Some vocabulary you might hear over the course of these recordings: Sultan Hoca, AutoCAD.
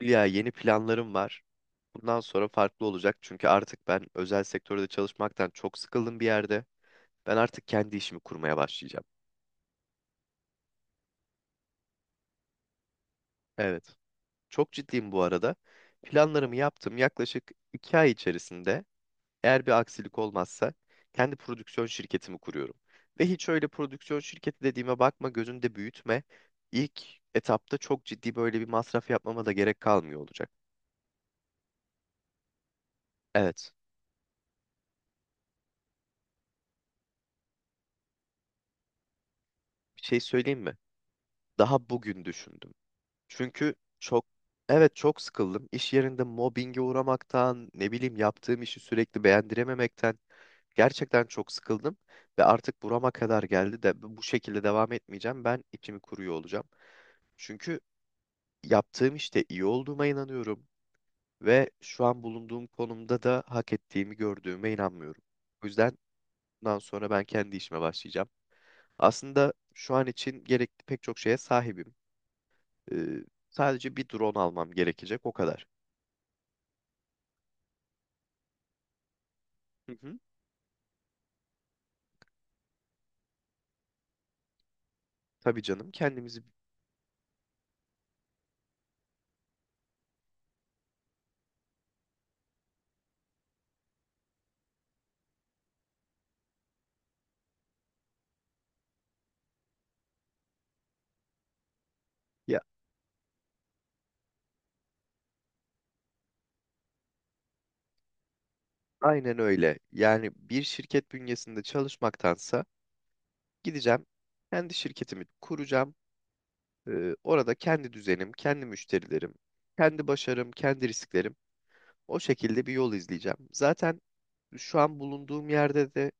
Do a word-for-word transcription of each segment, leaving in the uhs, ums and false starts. Ya, yeni planlarım var. Bundan sonra farklı olacak, çünkü artık ben özel sektörde çalışmaktan çok sıkıldım bir yerde. Ben artık kendi işimi kurmaya başlayacağım. Evet. Çok ciddiyim bu arada. Planlarımı yaptım yaklaşık iki ay içerisinde. Eğer bir aksilik olmazsa kendi prodüksiyon şirketimi kuruyorum. Ve hiç öyle prodüksiyon şirketi dediğime bakma, gözünde büyütme. İlk etapta çok ciddi böyle bir masraf yapmama da gerek kalmıyor olacak. Evet. Bir şey söyleyeyim mi? Daha bugün düşündüm. Çünkü çok, evet, çok sıkıldım. İş yerinde mobbinge uğramaktan, ne bileyim, yaptığım işi sürekli beğendirememekten gerçekten çok sıkıldım, ve artık burama kadar geldi, de bu şekilde devam etmeyeceğim. Ben içimi kuruyor olacağım. Çünkü yaptığım işte iyi olduğuma inanıyorum ve şu an bulunduğum konumda da hak ettiğimi gördüğüme inanmıyorum. O yüzden bundan sonra ben kendi işime başlayacağım. Aslında şu an için gerekli pek çok şeye sahibim. Ee, Sadece bir drone almam gerekecek, o kadar. Hı hı. Tabii canım, kendimizi, ya aynen öyle. Yani bir şirket bünyesinde çalışmaktansa gideceğim, kendi şirketimi kuracağım. Ee, orada kendi düzenim, kendi müşterilerim, kendi başarım, kendi risklerim. O şekilde bir yol izleyeceğim. Zaten şu an bulunduğum yerde de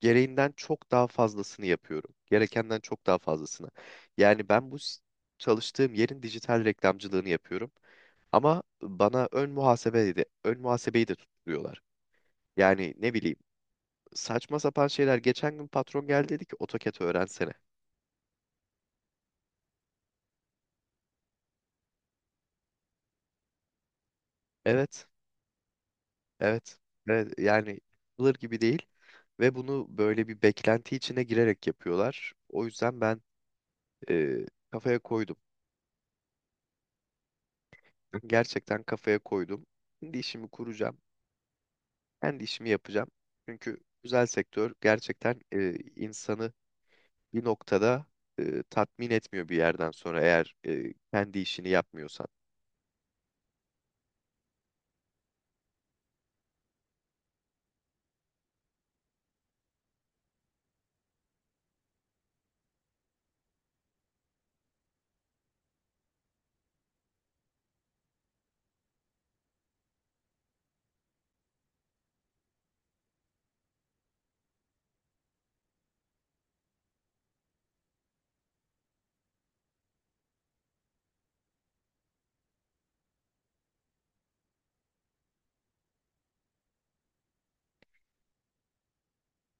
gereğinden çok daha fazlasını yapıyorum. Gerekenden çok daha fazlasını. Yani ben bu s- çalıştığım yerin dijital reklamcılığını yapıyorum. Ama bana ön muhasebeyi de ön muhasebeyi de tutturuyorlar. Yani ne bileyim, saçma sapan şeyler. Geçen gün patron geldi, dedi ki AutoCAD öğrensene. Evet, evet, evet, yani yapılır gibi değil. Ve bunu böyle bir beklenti içine girerek yapıyorlar. O yüzden ben e, kafaya koydum. Gerçekten kafaya koydum. Kendi işimi kuracağım. Kendi işimi yapacağım. Çünkü özel sektör gerçekten e, insanı bir noktada e, tatmin etmiyor bir yerden sonra, eğer e, kendi işini yapmıyorsan.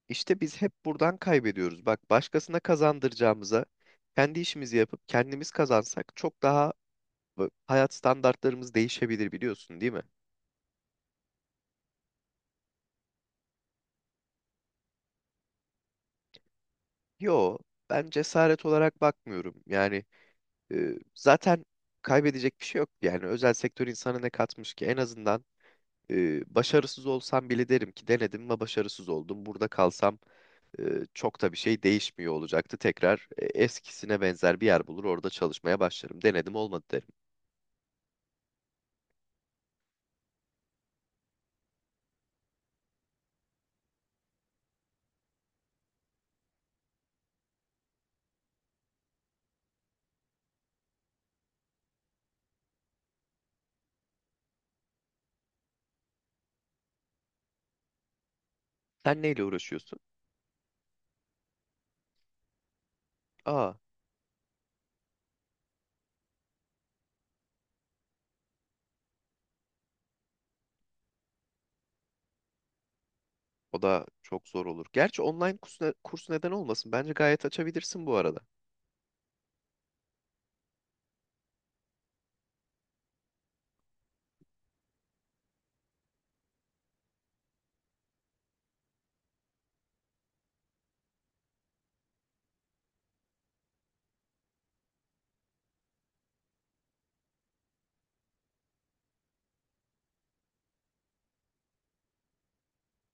İşte biz hep buradan kaybediyoruz. Bak, başkasına kazandıracağımıza kendi işimizi yapıp kendimiz kazansak çok daha bu- hayat standartlarımız değişebilir, biliyorsun değil mi? Yo, ben cesaret olarak bakmıyorum. Yani e, zaten kaybedecek bir şey yok. Yani özel sektör insana ne katmış ki? En azından e, başarısız olsam bile derim ki denedim ve başarısız oldum. Burada kalsam e, çok da bir şey değişmiyor olacaktı. Tekrar e, eskisine benzer bir yer bulur, orada çalışmaya başlarım. Denedim, olmadı derim. Sen neyle uğraşıyorsun? Aa, o da çok zor olur. Gerçi online kurs, ne- kurs neden olmasın? Bence gayet açabilirsin bu arada.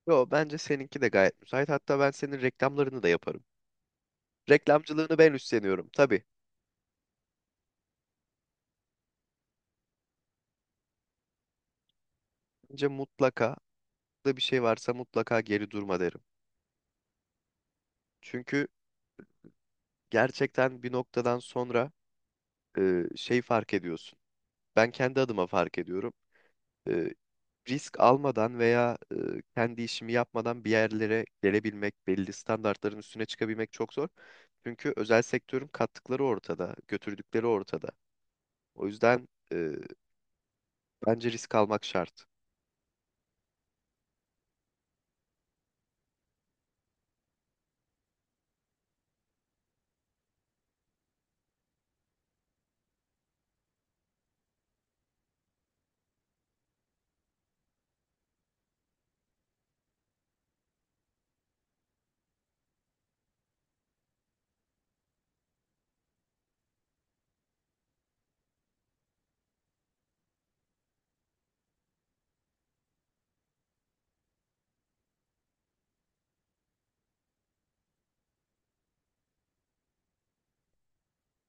Yo, bence seninki de gayet müsait. Hatta ben senin reklamlarını da yaparım. Reklamcılığını ben üstleniyorum. Tabii. Bence mutlaka da bir şey varsa, mutlaka geri durma derim. Çünkü gerçekten bir noktadan sonra e, şey fark ediyorsun. Ben kendi adıma fark ediyorum. e, Risk almadan veya e, kendi işimi yapmadan bir yerlere gelebilmek, belli standartların üstüne çıkabilmek çok zor. Çünkü özel sektörün kattıkları ortada, götürdükleri ortada. O yüzden e, bence risk almak şart.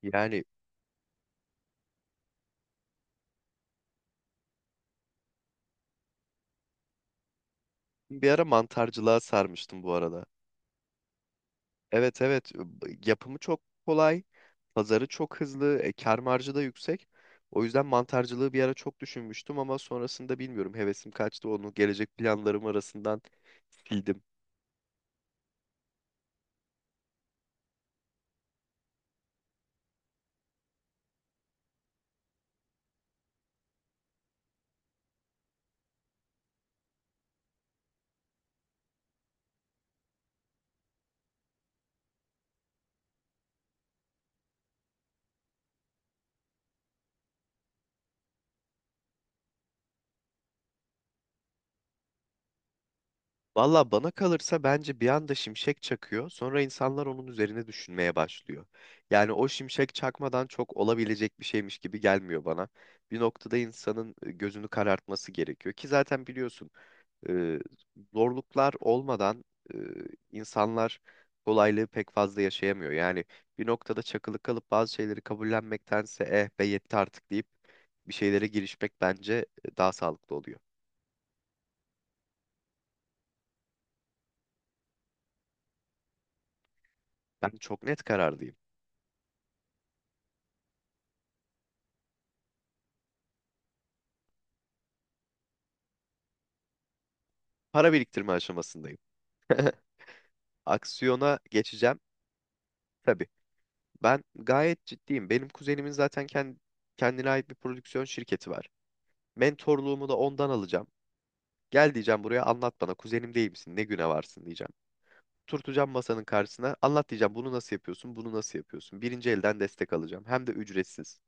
Yani bir ara mantarcılığa sarmıştım bu arada. Evet, evet, yapımı çok kolay, pazarı çok hızlı, e, kar marjı da yüksek. O yüzden mantarcılığı bir ara çok düşünmüştüm, ama sonrasında bilmiyorum, hevesim kaçtı, onu gelecek planlarım arasından sildim. Valla bana kalırsa, bence bir anda şimşek çakıyor. Sonra insanlar onun üzerine düşünmeye başlıyor. Yani o şimşek çakmadan çok olabilecek bir şeymiş gibi gelmiyor bana. Bir noktada insanın e, gözünü karartması gerekiyor ki, zaten biliyorsun, e, zorluklar olmadan e, insanlar kolaylığı pek fazla yaşayamıyor. Yani bir noktada çakılı kalıp bazı şeyleri kabullenmektense, eh be yetti artık deyip bir şeylere girişmek bence e, daha sağlıklı oluyor. Ben çok net kararlıyım. Para biriktirme aşamasındayım. Aksiyona geçeceğim. Tabii. Ben gayet ciddiyim. Benim kuzenimin zaten kend- kendine ait bir prodüksiyon şirketi var. Mentorluğumu da ondan alacağım. Gel diyeceğim buraya, anlat bana. Kuzenim değil misin? Ne güne varsın diyeceğim. Turtacağım masanın karşısına. Anlat diyeceğim. Bunu nasıl yapıyorsun? Bunu nasıl yapıyorsun? Birinci elden destek alacağım. Hem de ücretsiz.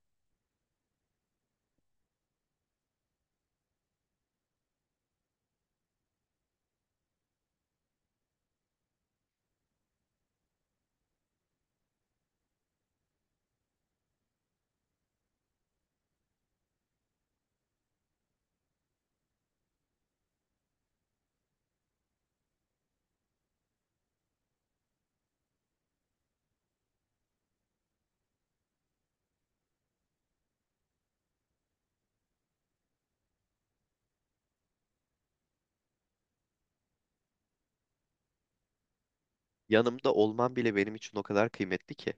Yanımda olman bile benim için o kadar kıymetli ki.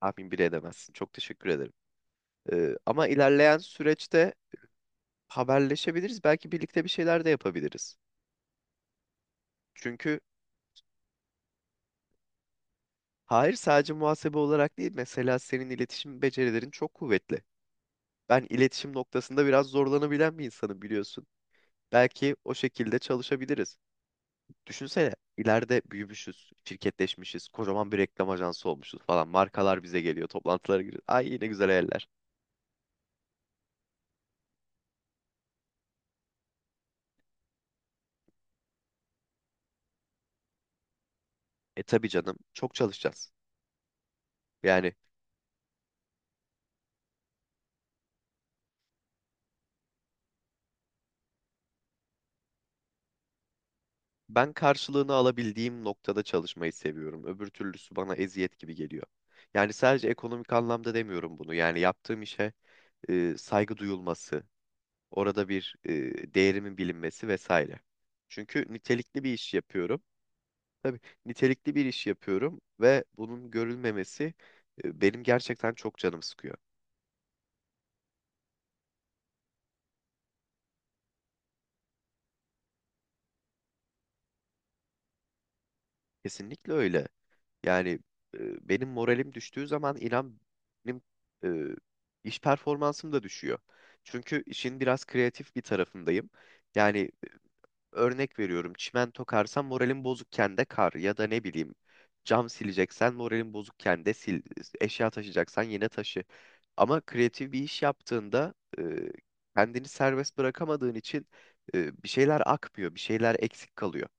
Tahmin bile edemezsin. Çok teşekkür ederim. Ee, ama ilerleyen süreçte haberleşebiliriz. Belki birlikte bir şeyler de yapabiliriz. Çünkü... Hayır, sadece muhasebe olarak değil, mesela senin iletişim becerilerin çok kuvvetli. Ben iletişim noktasında biraz zorlanabilen bir insanım, biliyorsun. Belki o şekilde çalışabiliriz. Düşünsene, ileride büyümüşüz, şirketleşmişiz, kocaman bir reklam ajansı olmuşuz falan. Markalar bize geliyor, toplantılara giriyoruz. Ay, yine güzel hayaller. E tabii canım, çok çalışacağız. Yani ben karşılığını alabildiğim noktada çalışmayı seviyorum. Öbür türlüsü bana eziyet gibi geliyor. Yani sadece ekonomik anlamda demiyorum bunu. Yani yaptığım işe e, saygı duyulması, orada bir e, değerimin bilinmesi vesaire. Çünkü nitelikli bir iş yapıyorum. Tabii, nitelikli bir iş yapıyorum ve bunun görülmemesi e, benim gerçekten çok canım sıkıyor. Kesinlikle öyle. Yani e, benim moralim düştüğü zaman, inan, benim e, iş performansım da düşüyor. Çünkü işin biraz kreatif bir tarafındayım. Yani, örnek veriyorum, çimento karsan moralim bozukken de kar, ya da ne bileyim cam sileceksen moralim bozukken de sil, eşya taşıyacaksan yine taşı. Ama kreatif bir iş yaptığında e, kendini serbest bırakamadığın için e, bir şeyler akmıyor, bir şeyler eksik kalıyor.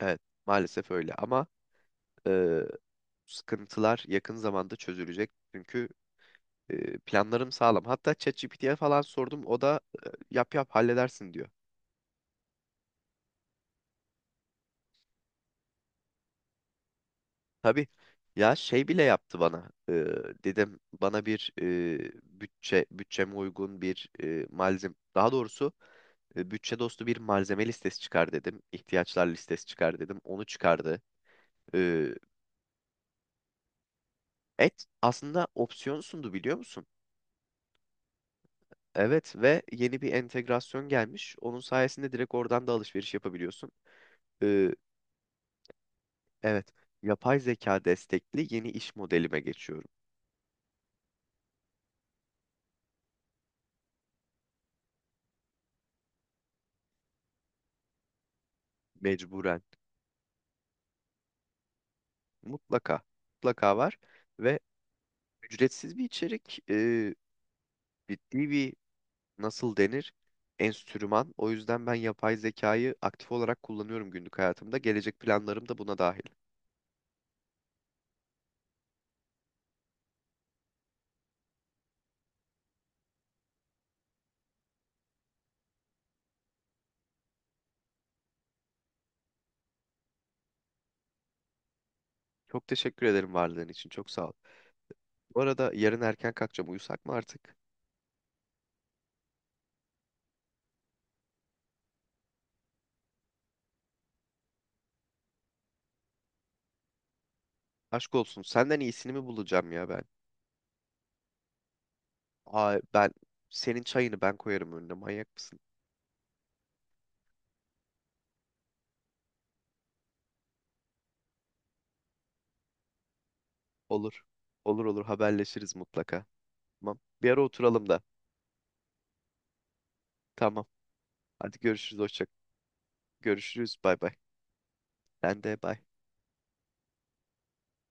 Evet, maalesef öyle ama e, sıkıntılar yakın zamanda çözülecek. Çünkü e, planlarım sağlam. Hatta ChatGPT'ye ye falan sordum. O da e, yap yap halledersin diyor. Tabii ya, şey bile yaptı bana. Ee, dedim, bana bir e, bütçe bütçeme uygun bir e, malzeme, daha doğrusu e, bütçe dostu bir malzeme listesi çıkar dedim. İhtiyaçlar listesi çıkar dedim. Onu çıkardı. Ee, et Aslında opsiyon sundu, biliyor musun? Evet, ve yeni bir entegrasyon gelmiş. Onun sayesinde direkt oradan da alışveriş yapabiliyorsun. Ee, evet, yapay zeka destekli yeni iş modelime geçiyorum. Mecburen. Mutlaka. Mutlaka var. Ve ücretsiz bir içerik, e, ciddi bir, nasıl denir, enstrüman. O yüzden ben yapay zekayı aktif olarak kullanıyorum günlük hayatımda. Gelecek planlarım da buna dahil. Çok teşekkür ederim varlığın için. Çok sağ ol. Bu arada yarın erken kalkacağım. Uyusak mı artık? Aşk olsun. Senden iyisini mi bulacağım ya ben? Aa, ben senin çayını ben koyarım önüne. Manyak mısın? Olur. Olur olur, haberleşiriz mutlaka. Tamam. Bir ara oturalım da. Tamam. Hadi görüşürüz. Hoşça. Görüşürüz. Bay bay. Ben de bay.